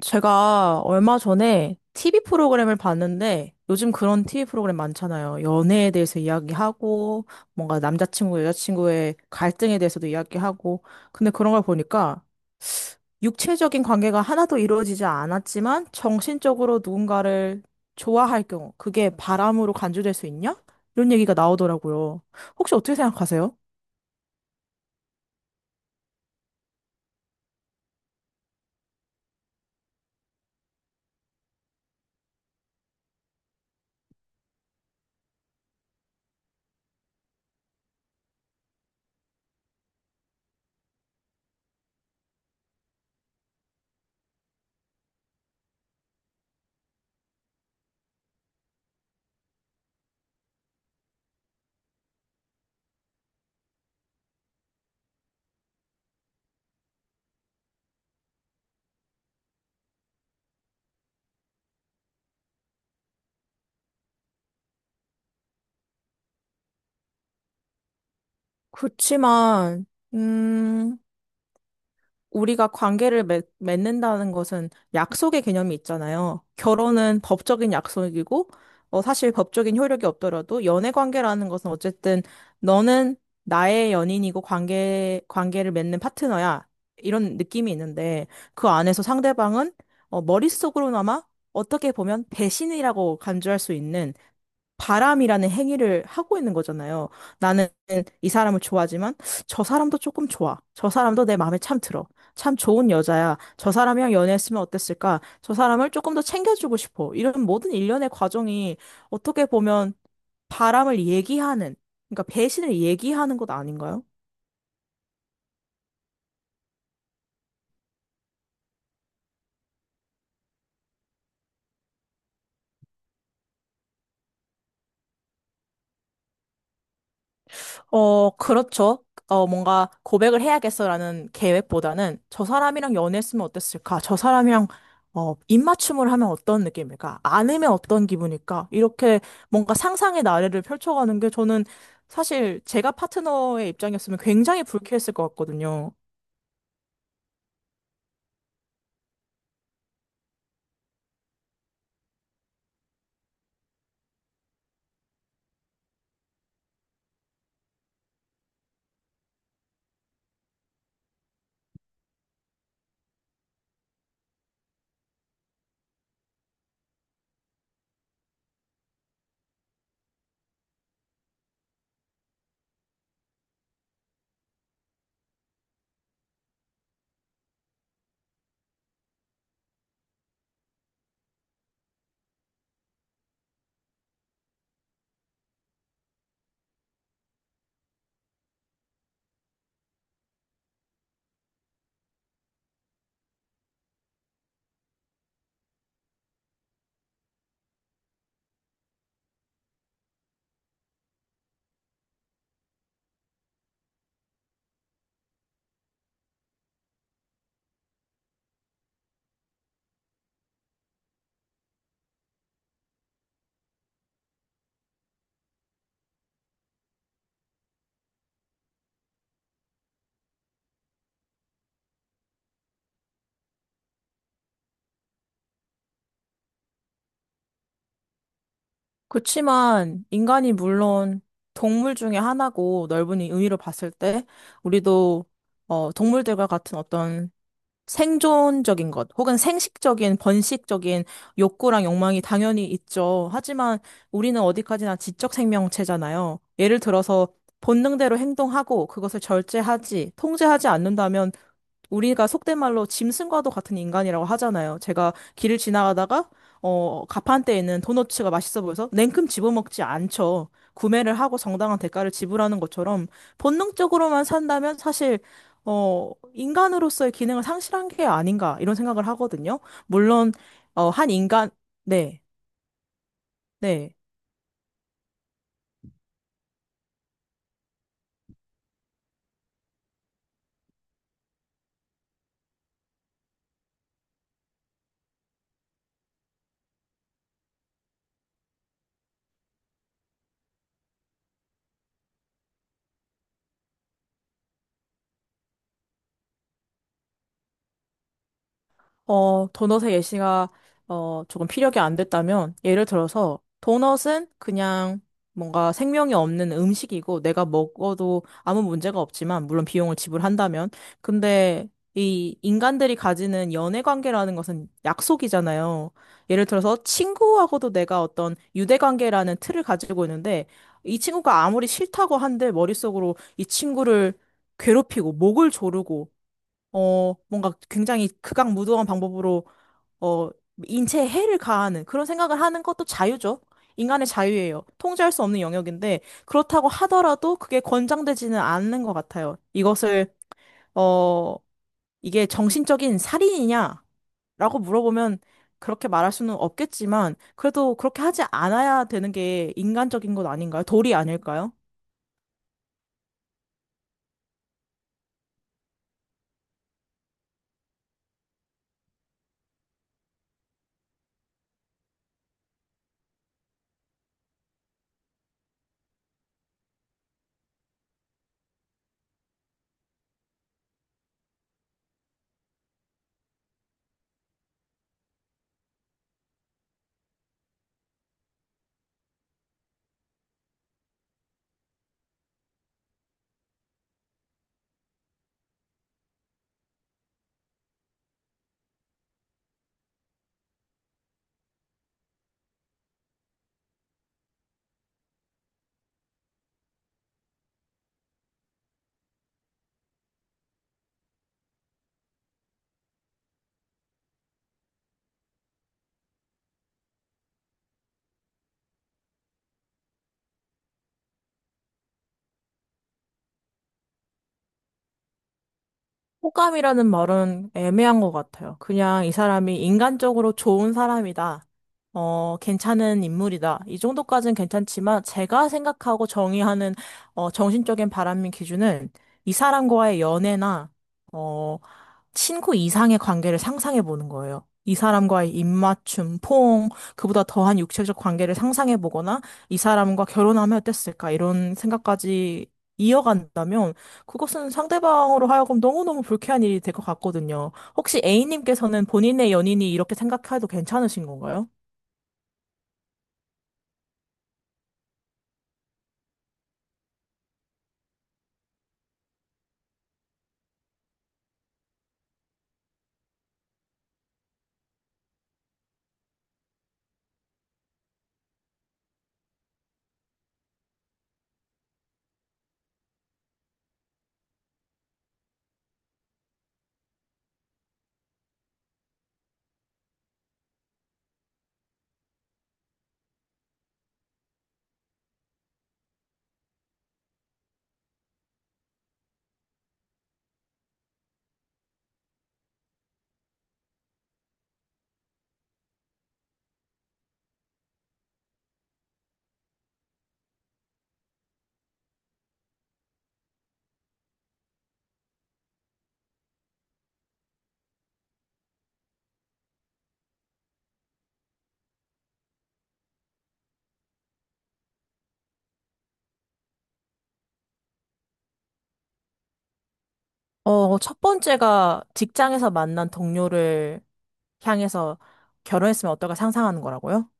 제가 얼마 전에 TV 프로그램을 봤는데 요즘 그런 TV 프로그램 많잖아요. 연애에 대해서 이야기하고 뭔가 남자친구, 여자친구의 갈등에 대해서도 이야기하고 근데 그런 걸 보니까 육체적인 관계가 하나도 이루어지지 않았지만 정신적으로 누군가를 좋아할 경우 그게 바람으로 간주될 수 있냐? 이런 얘기가 나오더라고요. 혹시 어떻게 생각하세요? 그렇지만, 음, 우리가 관계를 맺는다는 것은 약속의 개념이 있잖아요. 결혼은 법적인 약속이고, 사실 법적인 효력이 없더라도 연애 관계라는 것은 어쨌든 너는 나의 연인이고 관계를 맺는 파트너야. 이런 느낌이 있는데, 그 안에서 상대방은 머릿속으로나마 어떻게 보면 배신이라고 간주할 수 있는 바람이라는 행위를 하고 있는 거잖아요. 나는 이 사람을 좋아하지만 저 사람도 조금 좋아. 저 사람도 내 마음에 참 들어. 참 좋은 여자야. 저 사람이랑 연애했으면 어땠을까? 저 사람을 조금 더 챙겨주고 싶어. 이런 모든 일련의 과정이 어떻게 보면 바람을 얘기하는, 그러니까 배신을 얘기하는 것 아닌가요? 그렇죠. 뭔가 고백을 해야겠어라는 계획보다는 저 사람이랑 연애했으면 어땠을까? 저 사람이랑 입맞춤을 하면 어떤 느낌일까? 안으면 어떤 기분일까? 이렇게 뭔가 상상의 나래를 펼쳐가는 게 저는 사실 제가 파트너의 입장이었으면 굉장히 불쾌했을 것 같거든요. 그렇지만 인간이 물론 동물 중에 하나고 넓은 의미로 봤을 때 우리도 동물들과 같은 어떤 생존적인 것, 혹은 생식적인, 번식적인 욕구랑 욕망이 당연히 있죠. 하지만 우리는 어디까지나 지적 생명체잖아요. 예를 들어서 본능대로 행동하고 그것을 절제하지, 통제하지 않는다면 우리가 속된 말로 짐승과도 같은 인간이라고 하잖아요. 제가 길을 지나가다가 가판대에 있는 도너츠가 맛있어 보여서 냉큼 집어먹지 않죠. 구매를 하고 정당한 대가를 지불하는 것처럼 본능적으로만 산다면 사실 인간으로서의 기능을 상실한 게 아닌가, 이런 생각을 하거든요. 물론, 한 인간, 네, 네. 도넛의 예시가, 조금 피력이 안 됐다면, 예를 들어서, 도넛은 그냥 뭔가 생명이 없는 음식이고, 내가 먹어도 아무 문제가 없지만, 물론 비용을 지불한다면. 근데, 이 인간들이 가지는 연애 관계라는 것은 약속이잖아요. 예를 들어서, 친구하고도 내가 어떤 유대 관계라는 틀을 가지고 있는데, 이 친구가 아무리 싫다고 한들, 머릿속으로 이 친구를 괴롭히고, 목을 조르고, 뭔가 굉장히 극악무도한 방법으로, 어, 인체에 해를 가하는 그런 생각을 하는 것도 자유죠. 인간의 자유예요. 통제할 수 없는 영역인데, 그렇다고 하더라도 그게 권장되지는 않는 것 같아요. 이것을, 어, 이게 정신적인 살인이냐라고 물어보면 그렇게 말할 수는 없겠지만, 그래도 그렇게 하지 않아야 되는 게 인간적인 것 아닌가요? 도리 아닐까요? 호감이라는 말은 애매한 것 같아요. 그냥 이 사람이 인간적으로 좋은 사람이다. 괜찮은 인물이다. 이 정도까지는 괜찮지만 제가 생각하고 정의하는 정신적인 바람인 기준은 이 사람과의 연애나 어, 친구 이상의 관계를 상상해 보는 거예요. 이 사람과의 입맞춤, 포옹, 그보다 더한 육체적 관계를 상상해 보거나 이 사람과 결혼하면 어땠을까 이런 생각까지 이어간다면 그것은 상대방으로 하여금 너무너무 불쾌한 일이 될 것 같거든요. 혹시 A님께서는 본인의 연인이 이렇게 생각해도 괜찮으신 건가요? 첫 번째가 직장에서 만난 동료를 향해서 결혼했으면 어떨까 상상하는 거라고요?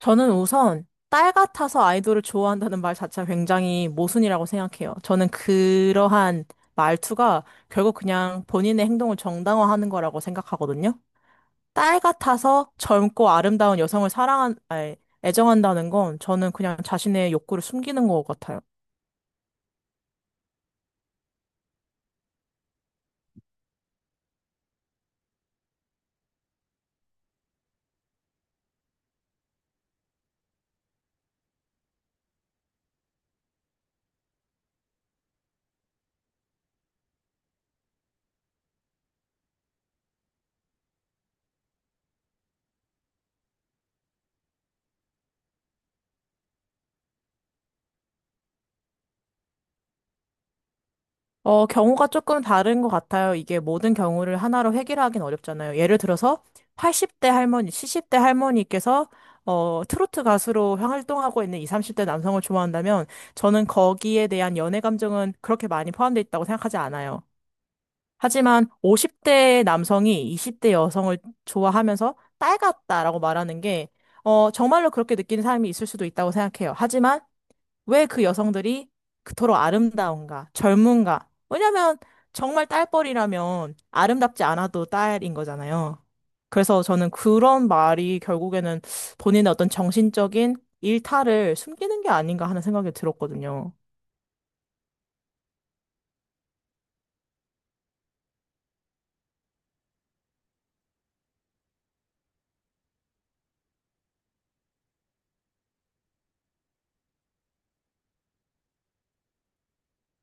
저는 우선 딸 같아서 아이돌을 좋아한다는 말 자체가 굉장히 모순이라고 생각해요. 저는 그러한 말투가 결국 그냥 본인의 행동을 정당화하는 거라고 생각하거든요. 딸 같아서 젊고 아름다운 여성을 사랑한, 아니, 애정한다는 건 저는 그냥 자신의 욕구를 숨기는 것 같아요. 경우가 조금 다른 것 같아요. 이게 모든 경우를 하나로 해결하긴 어렵잖아요. 예를 들어서 80대 할머니, 70대 할머니께서 트로트 가수로 활동하고 있는 20, 30대 남성을 좋아한다면 저는 거기에 대한 연애 감정은 그렇게 많이 포함되어 있다고 생각하지 않아요. 하지만 50대 남성이 20대 여성을 좋아하면서 딸 같다라고 말하는 게 정말로 그렇게 느끼는 사람이 있을 수도 있다고 생각해요. 하지만 왜 그 여성들이 그토록 아름다운가, 젊은가? 왜냐면 정말 딸뻘이라면 아름답지 않아도 딸인 거잖아요. 그래서 저는 그런 말이 결국에는 본인의 어떤 정신적인 일탈을 숨기는 게 아닌가 하는 생각이 들었거든요.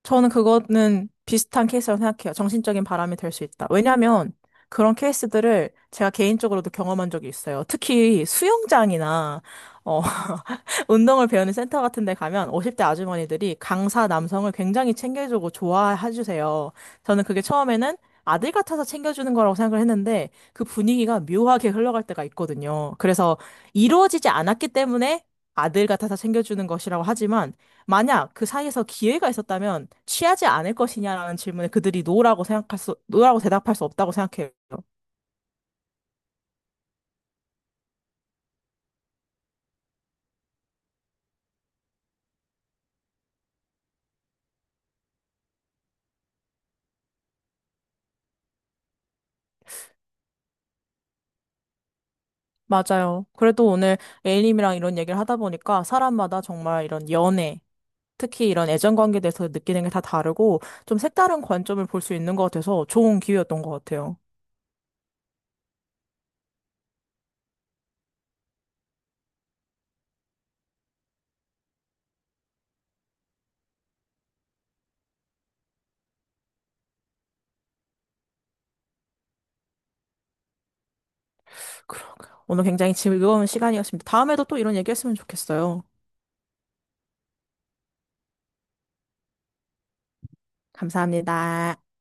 저는 그거는 비슷한 케이스라고 생각해요. 정신적인 바람이 될 수 있다. 왜냐면 그런 케이스들을 제가 개인적으로도 경험한 적이 있어요. 특히 수영장이나, 어, 운동을 배우는 센터 같은 데 가면 50대 아주머니들이 강사 남성을 굉장히 챙겨주고 좋아해주세요. 저는 그게 처음에는 아들 같아서 챙겨주는 거라고 생각을 했는데 그 분위기가 묘하게 흘러갈 때가 있거든요. 그래서 이루어지지 않았기 때문에 아들 같아서 챙겨주는 것이라고 하지만 만약 그 사이에서 기회가 있었다면 취하지 않을 것이냐라는 질문에 그들이 노라고 생각할 수, 노라고 대답할 수 없다고 생각해요. 맞아요. 그래도 오늘 A님이랑 이런 얘기를 하다 보니까 사람마다 정말 이런 연애, 특히 이런 애정 관계에 대해서 느끼는 게 다 다르고 좀 색다른 관점을 볼 수 있는 것 같아서 좋은 기회였던 것 같아요. 그러게요. 오늘 굉장히 즐거운 시간이었습니다. 다음에도 또 이런 얘기했으면 좋겠어요. 감사합니다.